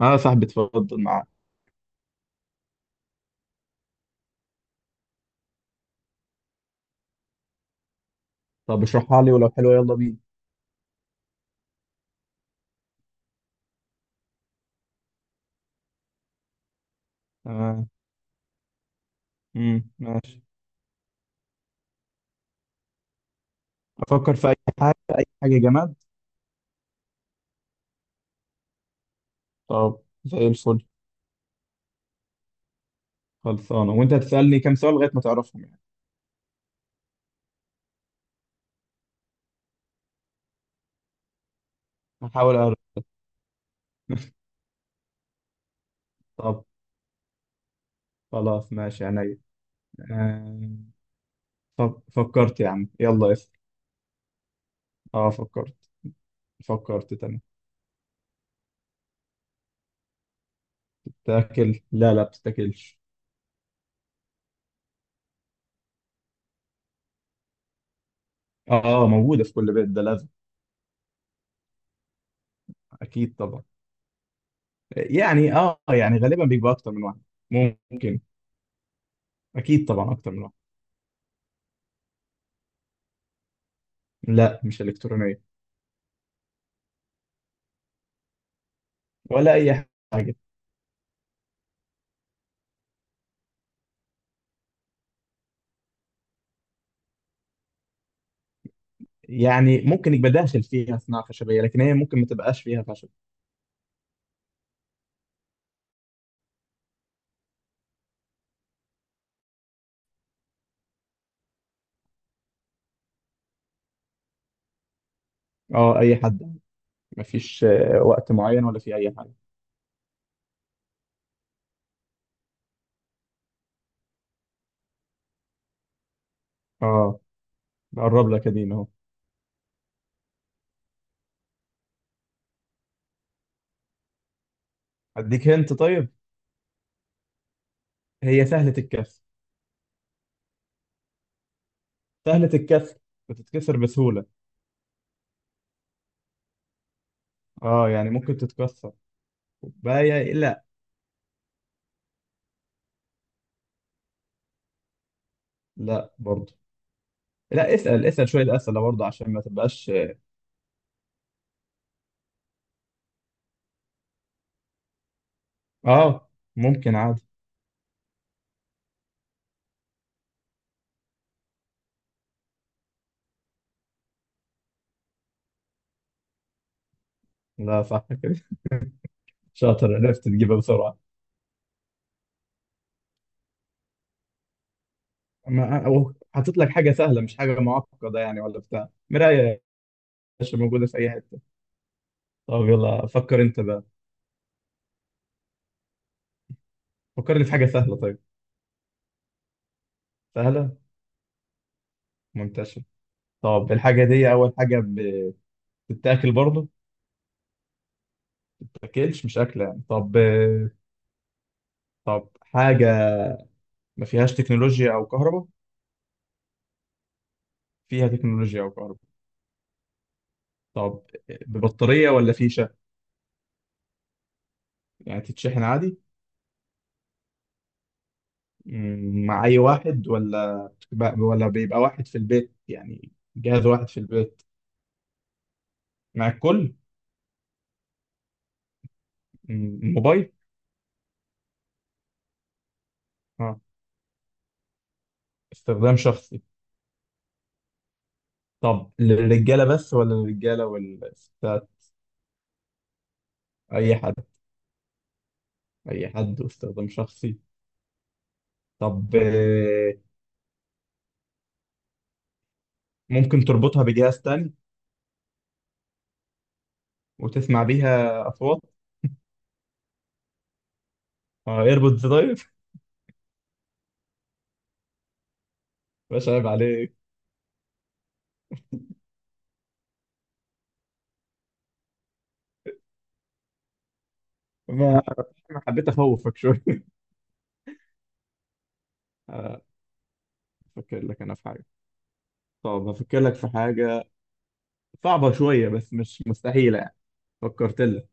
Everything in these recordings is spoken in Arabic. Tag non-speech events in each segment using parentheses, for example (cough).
اه يا صاحبي، اتفضل معاك. طب اشرحها لي، ولو حلوة يلا بينا. تمام. ماشي. افكر في اي حاجة، اي حاجة جماد. طب زي الفل. خلصانة. وانت هتسألني كام سؤال لغاية ما تعرفهم يعني؟ هحاول اعرف. (laughs) طب خلاص، ماشي، عينيا. آه. طب فكرت يا عم، يلا اسأل. اه فكرت. فكرت تمام. تاكل؟ لا، لا، بتتاكلش. اه، موجودة في كل بيت، ده لازم. اكيد طبعا. يعني يعني غالبا بيبقى اكتر من واحد. ممكن. اكيد طبعا، اكتر من واحد. لا مش الكترونية. ولا اي حاجه. يعني ممكن يبقى داخل فيها صناعه خشبيه، لكن هي ممكن ما تبقاش فيها خشب. اه اي حد. مفيش وقت معين ولا في اي حاجه؟ اه بقرب لك، قديم اهو. اديك هنت طيب. هي سهله الكسر. سهله الكسر، بتتكسر بسهوله. اه يعني ممكن تتكسر. كوبايه؟ لا. لا برضه. لا، اسال شويه اسئله برضه عشان ما تبقاش. اه ممكن عادي. لا صح كده. شاطر، عرفت تجيبها بسرعه. ما أو حاطط لك حاجة سهلة، مش حاجة معقدة يعني، ولا بتاع مراية يا باشا، موجودة في أي حتة. طب يلا فكر أنت بقى. فكر لي في حاجة سهلة طيب. سهلة منتشرة. طب الحاجة دي أول حاجة بتتاكل برضه؟ ما بتتاكلش، مش أكلة يعني. طب. طب حاجة ما فيهاش تكنولوجيا أو كهرباء؟ فيها تكنولوجيا أو كهرباء. طب ببطارية ولا فيشة؟ يعني تتشحن عادي. مع أي واحد ولا بيبقى واحد في البيت، يعني جهاز واحد في البيت؟ مع الكل؟ موبايل؟ اه استخدام شخصي. طب للرجاله بس ولا للرجاله والستات؟ اي حد. اي حد واستخدام شخصي. طب ممكن تربطها بجهاز تاني وتسمع بيها اصوات؟ اه ايربودز طيب. (laughs) مش عيب عليك! ما ما حبيت اخوفك شويه. (laughs) افكر لك انا في حاجه. طب هفكر لك في حاجه، صعبه شويه بس مش مستحيله يعني. فكرت لك.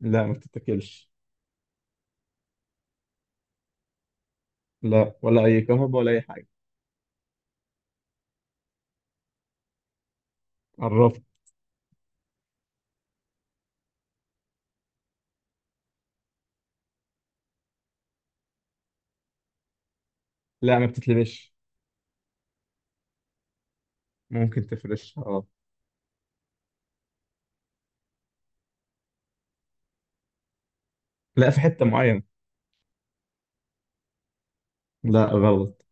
لا، ما بتتاكلش. لا، ولا اي كهرباء ولا اي حاجه. قربت. لا، ما بتتلبش. ممكن تفرشها اه. لا، في حتة معينة. لا غلط.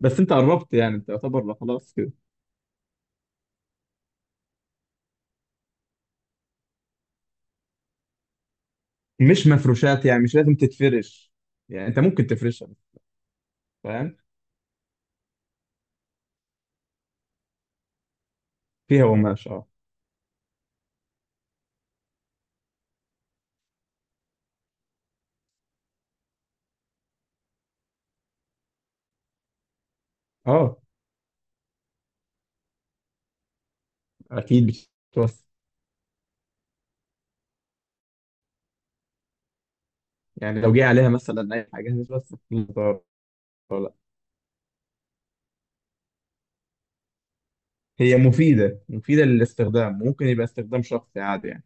بس انت قربت يعني، انت يعتبر، لا خلاص كده. مش مفروشات، يعني مش لازم تتفرش. يعني انت ممكن تفرشها. فاهم. فيها قماش اه. اه. اكيد بتتوسخ. يعني لو جه عليها مثلا اي حاجة هتتوسخ، لا ضرر ولا- هي مفيدة للاستخدام، ممكن يبقى استخدام شخصي عادي يعني.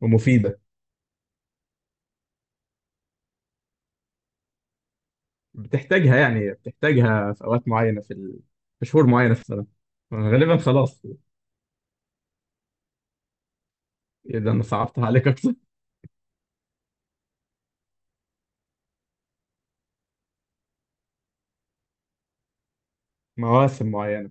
ومفيدة. بتحتاجها في اوقات معينة في شهور معينة في السنة غالبا، خلاص. اذا انا صعبتها عليك اكتر. (laughs) مواسم معينة.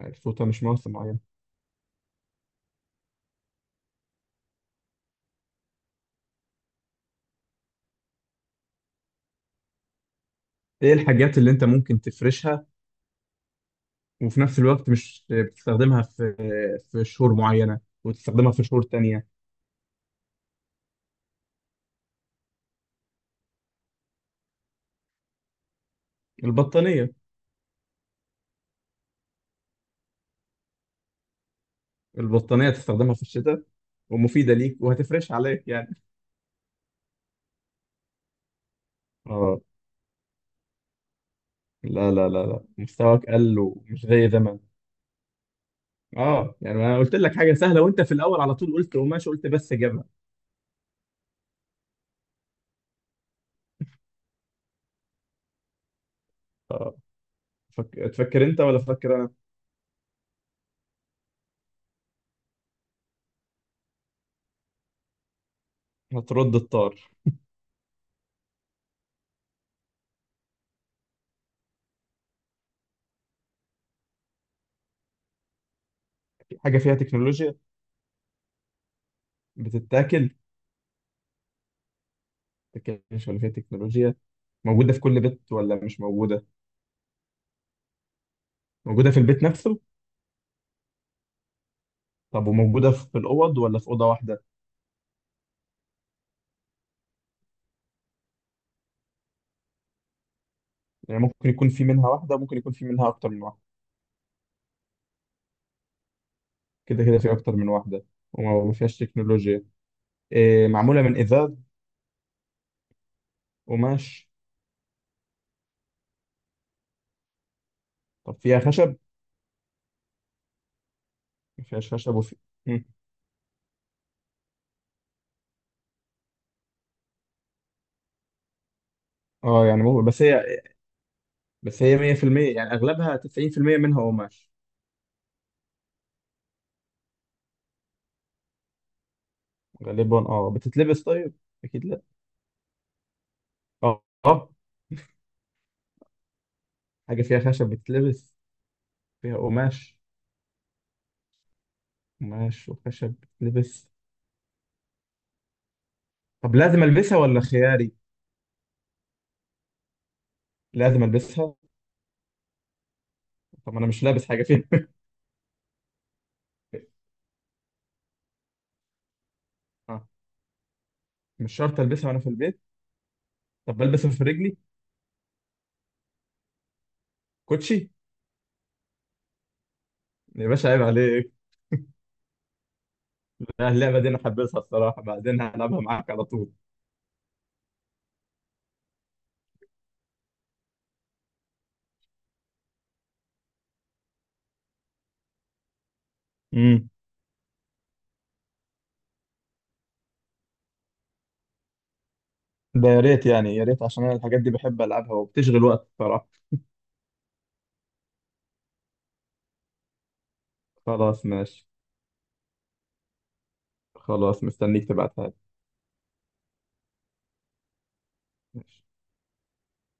الفوطة مش مواسم معينة. ايه الحاجات اللي انت ممكن تفرشها وفي نفس الوقت مش بتستخدمها في شهور معينة وتستخدمها في شهور تانية؟ البطانية. البطانية تستخدمها في الشتاء، ومفيدة ليك وهتفرش عليك يعني. اه. لا، لا، لا، لا، مستواك قل ومش زي زمان. اه يعني انا قلت لك حاجة سهلة، وانت في الاول على طول قلت قماش، قلت بس جبهة. تفكر انت ولا فكر انا؟ هترد الطار. حاجة فيها تكنولوجيا؟ بتتاكل؟ ما تتاكلش ولا فيها تكنولوجيا. موجودة في كل بيت ولا مش موجودة؟ موجودة في البيت نفسه؟ طب وموجودة في الأوض ولا في أوضة واحدة؟ يعني ممكن يكون في منها واحدة، ممكن يكون في منها أكتر من واحدة؟ كده كده في أكتر من واحدة. وما فيهاش تكنولوجيا. إيه، معمولة من إزاز؟ قماش؟ طب فيها خشب؟ ما فيهاش خشب وفي... مم. اه يعني، مو بس هي. بس هي 100%، يعني أغلبها 90% منها قماش غالبا. اه بتتلبس طيب؟ أكيد لا. اه، اه. حاجة فيها خشب بتتلبس؟ فيها قماش. قماش وخشب بتتلبس؟ طب لازم ألبسها ولا خياري؟ لازم ألبسها. طب أنا مش لابس حاجة فيها. (laughs) مش شرط البسها وانا في البيت. طب بلبسها في رجلي؟ كوتشي! يا باشا عيب عليك. لا، اللعبه دي انا حابسها الصراحه، بعدين هلعبها معاك على طول. امم. ده يا ريت يعني، يا ريت، عشان انا الحاجات دي بحب العبها وبتشغل وقت الصراحه. خلاص ماشي. خلاص، مستنيك تبعتها لي. ماشي.